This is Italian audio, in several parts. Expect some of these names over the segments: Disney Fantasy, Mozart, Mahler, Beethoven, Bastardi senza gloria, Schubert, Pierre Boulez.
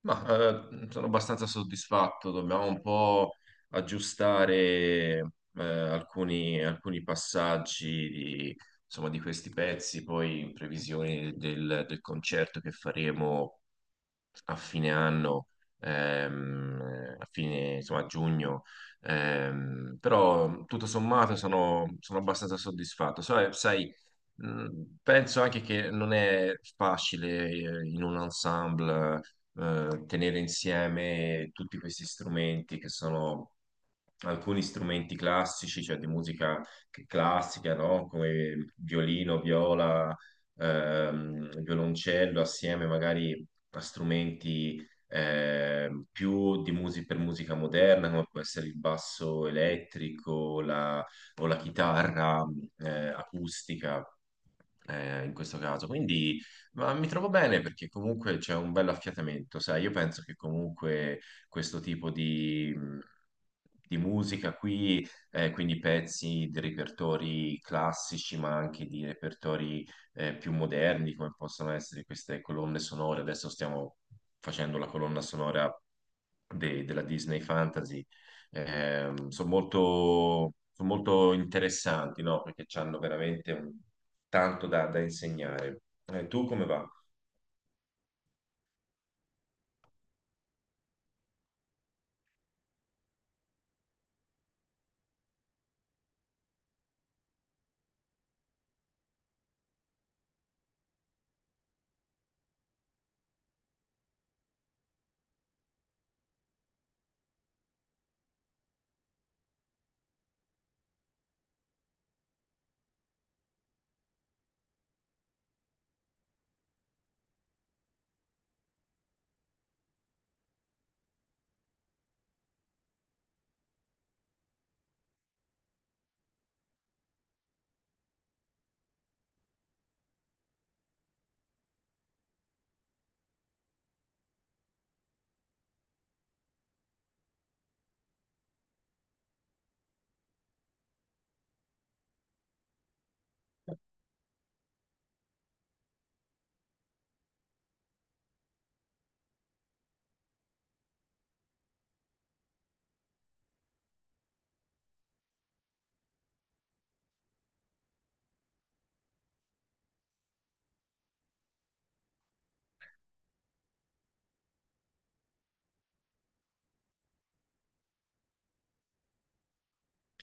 Ma sono abbastanza soddisfatto, dobbiamo un po' aggiustare alcuni passaggi di, insomma, di questi pezzi, poi in previsione del concerto che faremo a fine anno, a fine, insomma, a giugno, però tutto sommato sono abbastanza soddisfatto. Sai, sai, mm, penso anche che non è facile in un ensemble, tenere insieme tutti questi strumenti che sono alcuni strumenti classici, cioè di musica classica, no? Come violino, viola, violoncello, assieme magari a strumenti più di per musica moderna, come può essere il basso elettrico, la o la chitarra acustica in questo caso. Quindi mi trovo bene perché comunque c'è un bello affiatamento, sai, io penso che comunque questo tipo di musica qui, quindi pezzi di repertori classici, ma anche di repertori più moderni, come possono essere queste colonne sonore. Adesso stiamo facendo la colonna sonora della Disney Fantasy, sono molto, son molto interessanti, no? Perché hanno veramente tanto da, da insegnare. Tu come va?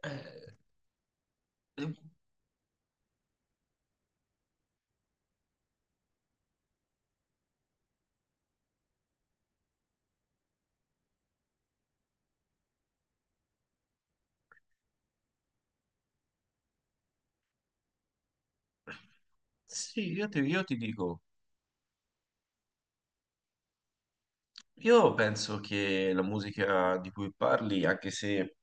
Eh, sì, io ti dico, io penso che la musica di cui parli, anche se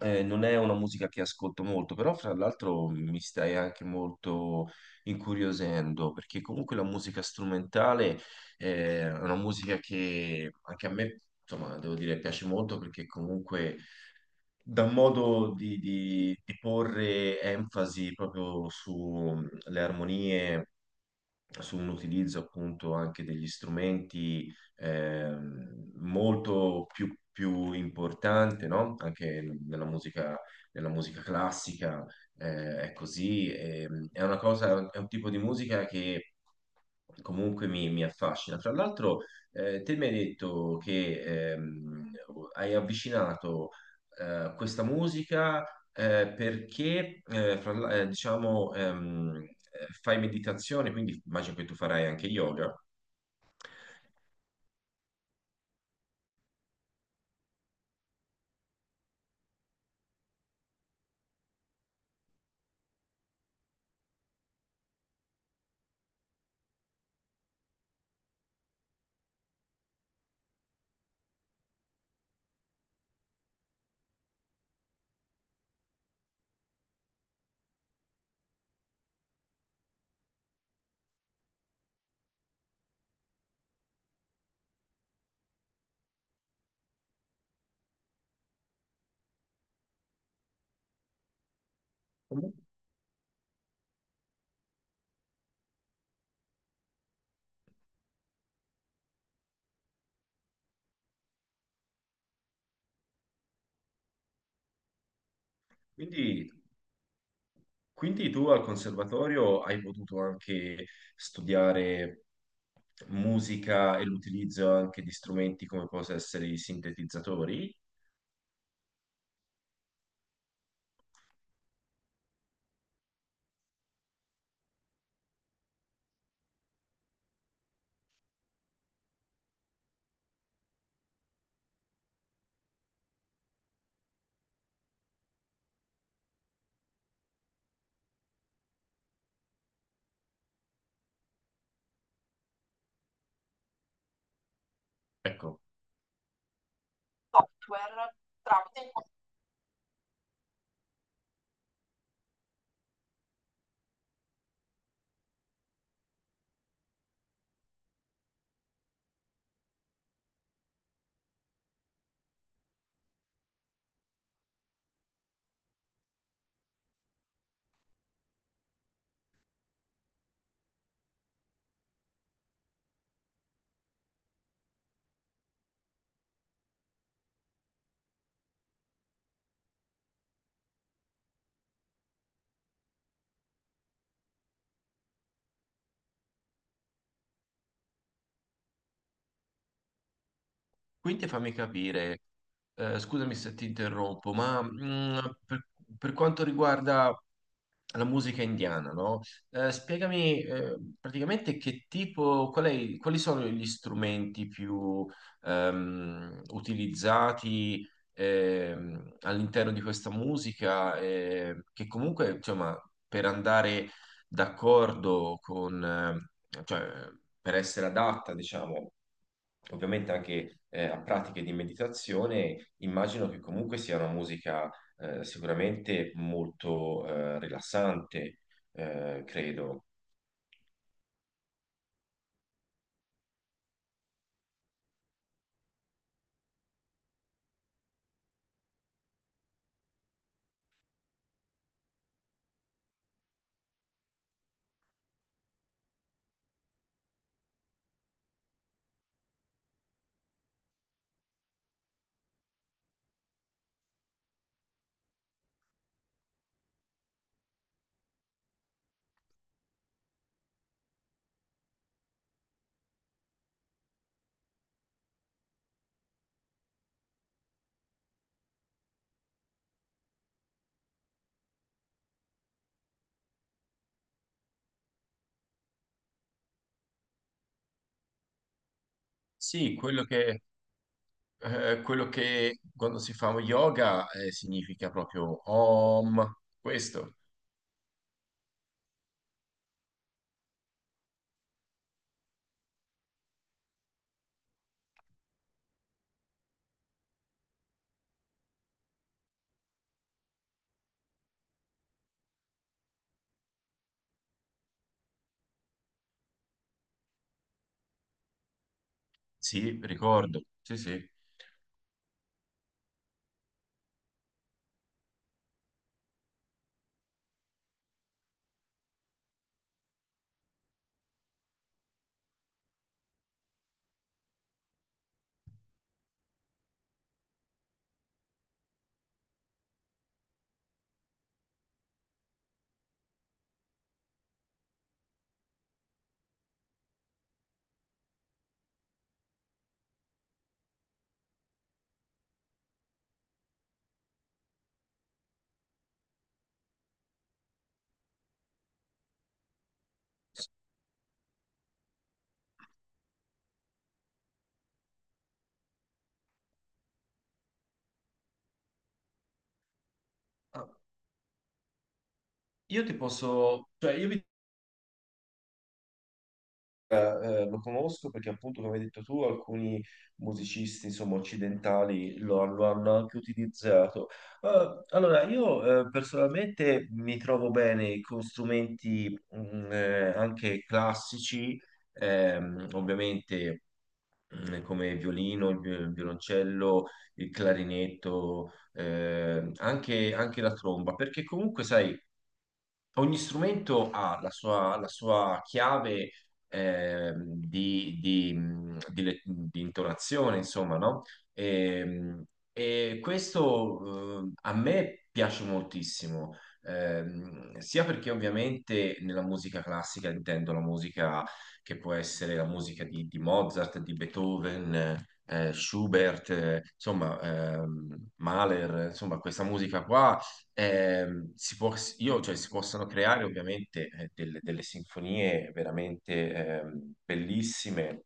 non è una musica che ascolto molto, però fra l'altro mi stai anche molto incuriosendo, perché comunque la musica strumentale è una musica che anche a me, insomma, devo dire, piace molto perché comunque da un modo di, di porre enfasi proprio sulle armonie, su un utilizzo appunto anche degli strumenti molto più, più importante, no? Anche nella musica classica, è così. È una cosa, è un tipo di musica che comunque mi, mi affascina. Fra l'altro, te mi hai detto che hai avvicinato questa musica perché, diciamo, fai meditazione, quindi immagino che tu farai anche yoga. Comunque, quindi, quindi tu al conservatorio hai potuto anche studiare musica e l'utilizzo anche di strumenti come possono essere i sintetizzatori. Ecco, software tramite il quindi fammi capire, scusami se ti interrompo, ma per per quanto riguarda alla musica indiana, no? Spiegami praticamente che tipo, quali sono gli strumenti più utilizzati all'interno di questa musica, che comunque, insomma, per andare d'accordo con, cioè, per essere adatta, diciamo, ovviamente anche a pratiche di meditazione, immagino che comunque sia una musica sicuramente molto rilassante, credo. Sì, quello che quando si fa yoga significa proprio Om, questo. Sì, ricordo. Sì, sì. Ah, io ti posso, cioè io vi, eh, lo conosco perché appunto, come hai detto tu, alcuni musicisti, insomma, occidentali lo, lo hanno anche utilizzato. Allora, io, personalmente mi trovo bene con strumenti, anche classici, ovviamente, come il violino, il violoncello, il clarinetto, anche, anche la tromba, perché comunque, sai, ogni strumento ha la sua chiave di di intonazione, insomma, no? Ehm, E questo, a me piace moltissimo, sia perché ovviamente nella musica classica intendo la musica che può essere la musica di Mozart, di Beethoven, Schubert, insomma, Mahler, insomma, questa musica qua si cioè, si possono creare ovviamente delle, delle sinfonie veramente bellissime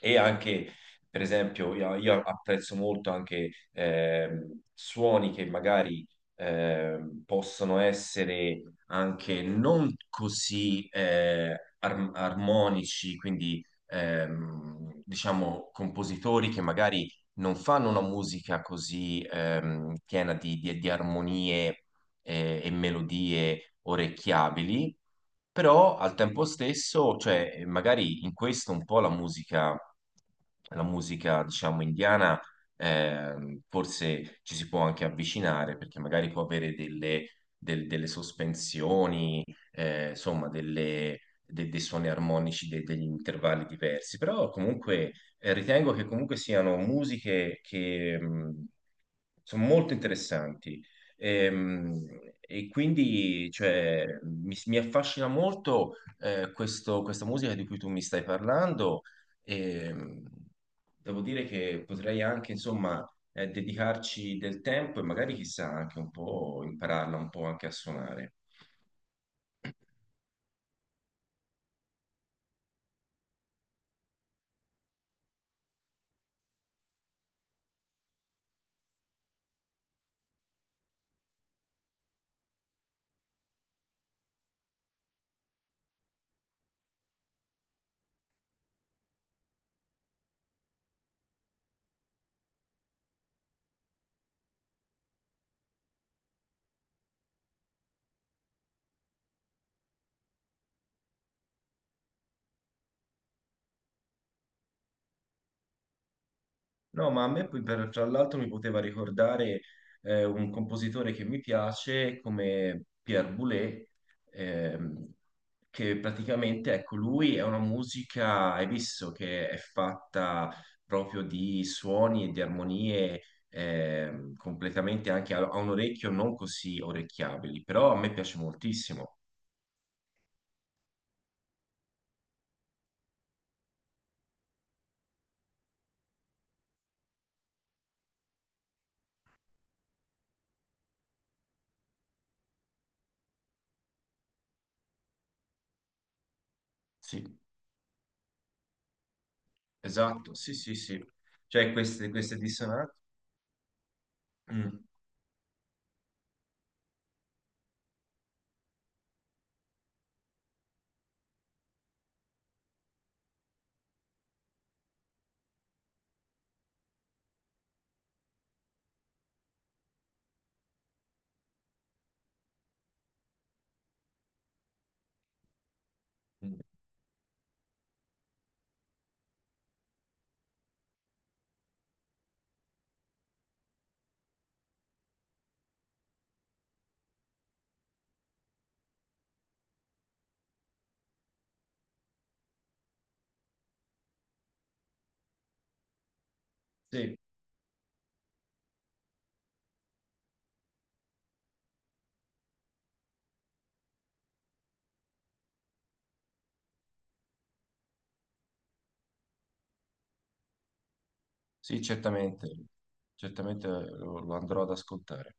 e anche, per esempio, io apprezzo molto anche suoni che magari possono essere anche non così armonici, quindi, diciamo compositori che magari non fanno una musica così piena di, di armonie e melodie orecchiabili, però al tempo stesso, cioè, magari in questo un po' la musica, diciamo, indiana, forse ci si può anche avvicinare, perché magari può avere delle, delle sospensioni, insomma, dei suoni armonici, degli intervalli diversi, però comunque ritengo che comunque siano musiche che... sono molto interessanti. Ehm, E quindi cioè, mi affascina molto, questa musica di cui tu mi stai parlando. E, devo dire che potrei anche, insomma, dedicarci del tempo e magari chissà anche un po' impararla un po' anche a suonare. No, ma a me poi tra l'altro mi poteva ricordare un compositore che mi piace come Pierre Boulez, ehm, che praticamente, ecco, lui è una musica, hai visto, che è fatta proprio di suoni e di armonie completamente anche a, a un orecchio non così orecchiabili, però a me piace moltissimo. Sì, esatto, sì, sì, sì. Cioè queste, queste dissonanze. Mm, mm, sì. Sì, certamente, certamente lo, lo andrò ad ascoltare.